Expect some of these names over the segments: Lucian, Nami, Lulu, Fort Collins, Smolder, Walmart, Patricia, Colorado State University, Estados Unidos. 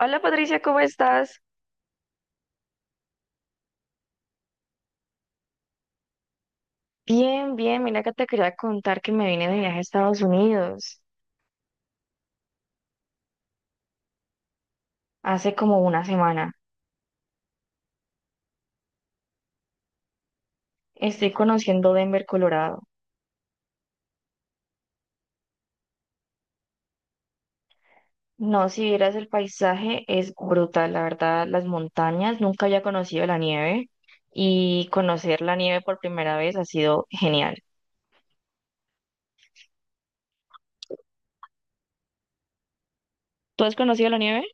Hola Patricia, ¿cómo estás? Bien, bien, mira que te quería contar que me vine de viaje a Estados Unidos hace como una semana. Estoy conociendo Denver, Colorado. No, si vieras el paisaje es brutal, la verdad, las montañas, nunca había conocido la nieve y conocer la nieve por primera vez ha sido genial. ¿Tú has conocido la nieve?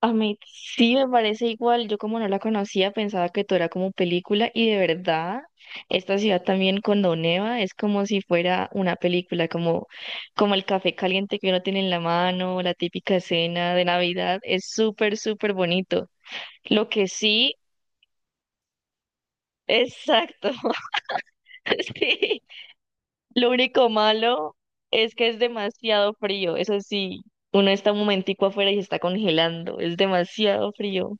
A mí sí me parece igual, yo como no la conocía pensaba que todo era como película y de verdad esta ciudad también cuando neva es como si fuera una película, como, como el café caliente que uno tiene en la mano, la típica escena de Navidad, es súper, súper bonito. Lo que sí, exacto, sí, lo único malo es que es demasiado frío, eso sí, uno está un momentico afuera y se está congelando, es demasiado frío.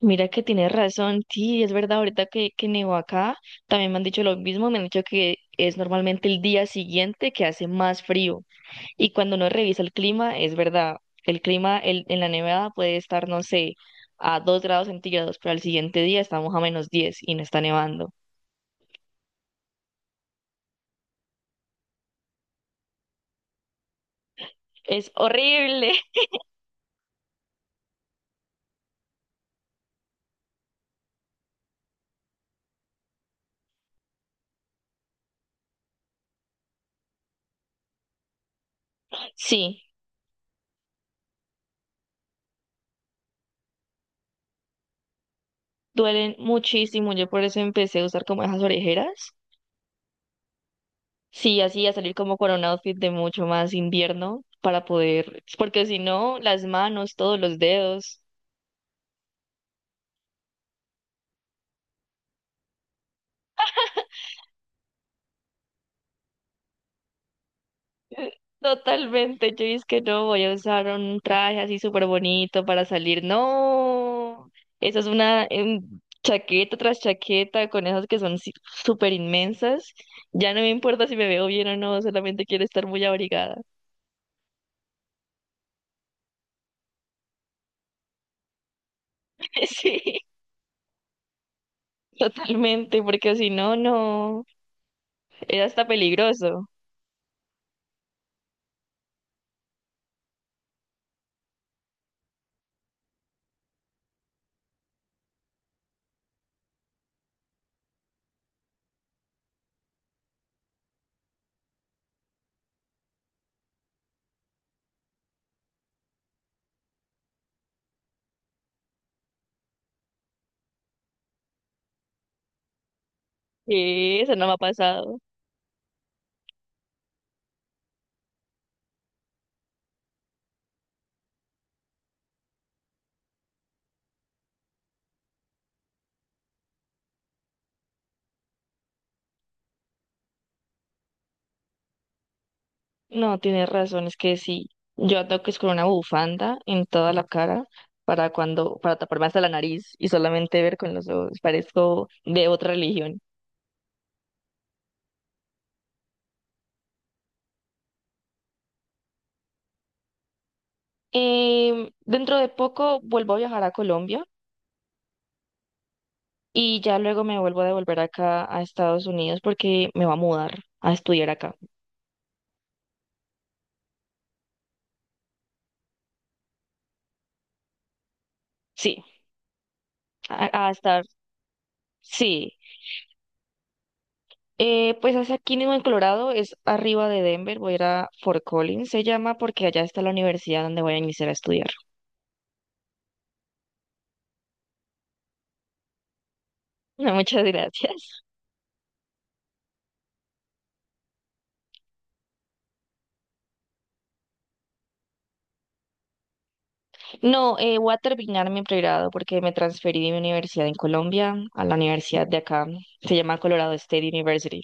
Mira que tienes razón, sí, es verdad, ahorita que nevó acá, también me han dicho lo mismo, me han dicho que es normalmente el día siguiente que hace más frío y cuando uno revisa el clima, es verdad, el clima en la nevada puede estar, no sé, a 2 grados centígrados, pero al siguiente día estamos a -10 y no está nevando. Es horrible. Sí, duelen muchísimo, yo por eso empecé a usar como esas orejeras. Sí, así a salir como con un outfit de mucho más invierno para poder, porque si no, las manos, todos los dedos, totalmente. Yo es que no voy a usar un traje así súper bonito para salir, no, eso es una chaqueta tras chaqueta con esas que son súper inmensas, ya no me importa si me veo bien o no, solamente quiero estar muy abrigada, sí, totalmente, porque si no, no, es hasta peligroso, sí, eso no me ha pasado. No, tienes razón, es que sí, yo ando que es con una bufanda en toda la cara para cuando, para taparme hasta la nariz y solamente ver con los ojos, parezco de otra religión. Dentro de poco vuelvo a viajar a Colombia y ya luego me vuelvo a devolver acá a Estados Unidos porque me va a mudar a estudiar acá. Sí, a estar, sí. Pues hacia aquí mismo en Colorado, es arriba de Denver, voy a ir a Fort Collins, se llama, porque allá está la universidad donde voy a iniciar a estudiar. No, muchas gracias. No, voy a terminar mi pregrado porque me transferí de mi universidad en Colombia a la universidad de acá. Se llama Colorado State University.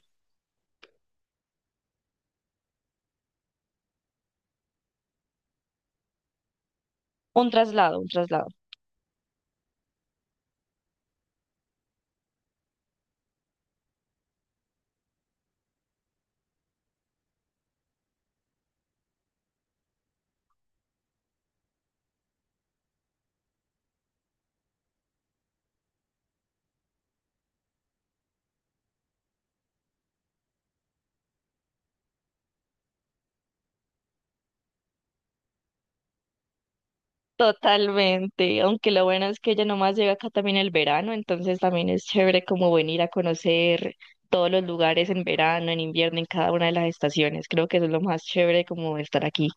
Un traslado, un traslado. Totalmente. Aunque lo bueno es que ya nomás llega acá también el verano, entonces también es chévere como venir a conocer todos los lugares en verano, en invierno, en cada una de las estaciones. Creo que eso es lo más chévere como estar aquí.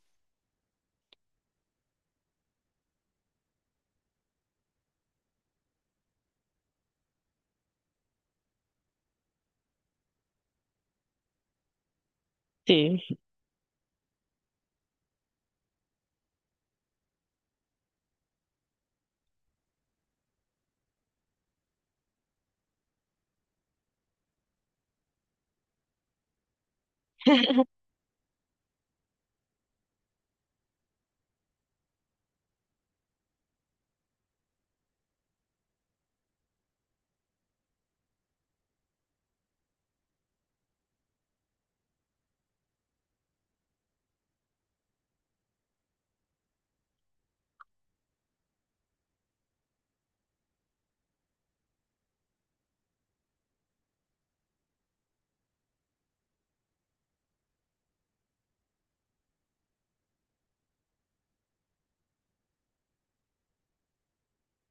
Sí.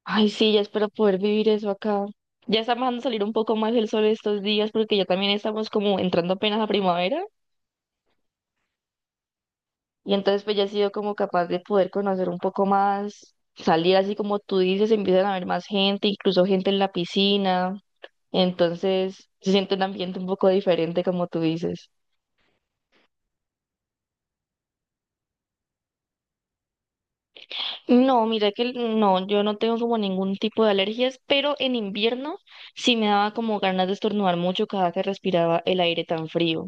Ay, sí, ya espero poder vivir eso acá. Ya está empezando a salir un poco más el sol estos días porque ya también estamos como entrando apenas a primavera y entonces pues ya he sido como capaz de poder conocer un poco más, salir así como tú dices, empiezan a haber más gente, incluso gente en la piscina, entonces se siente un ambiente un poco diferente como tú dices. No, mira que no, yo no tengo como ningún tipo de alergias, pero en invierno sí me daba como ganas de estornudar mucho cada que respiraba el aire tan frío.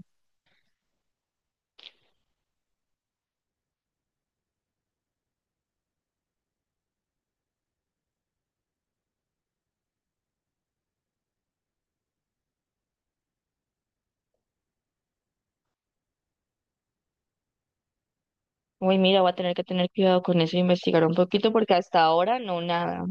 Uy, mira, voy a tener que tener cuidado con eso e investigar un poquito porque hasta ahora no, nada.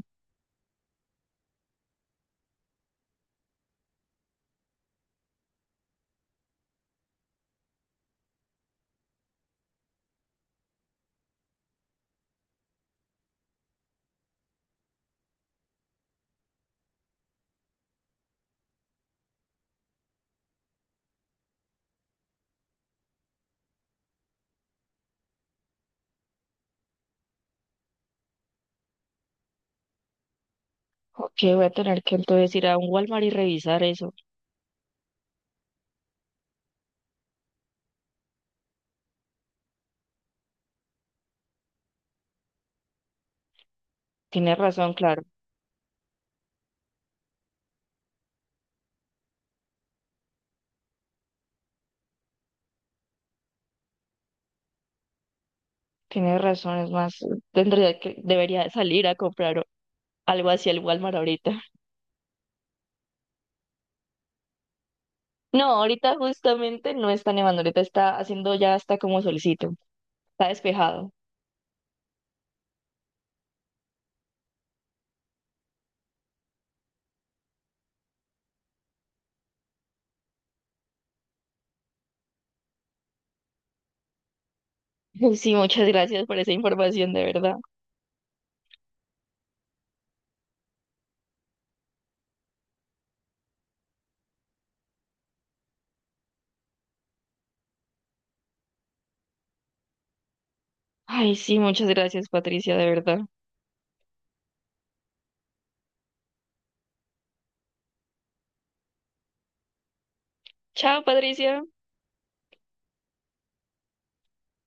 Ok, voy a tener que entonces ir a un Walmart y revisar eso. Tienes razón, claro. Tienes razón, es más, tendría que, debería salir a comprar algo hacia el Walmart ahorita. No, ahorita justamente no está nevando, ahorita está haciendo ya hasta como solicito. Está despejado. Sí, muchas gracias por esa información, de verdad. Ay, sí, muchas gracias, Patricia, de verdad. Chao, Patricia.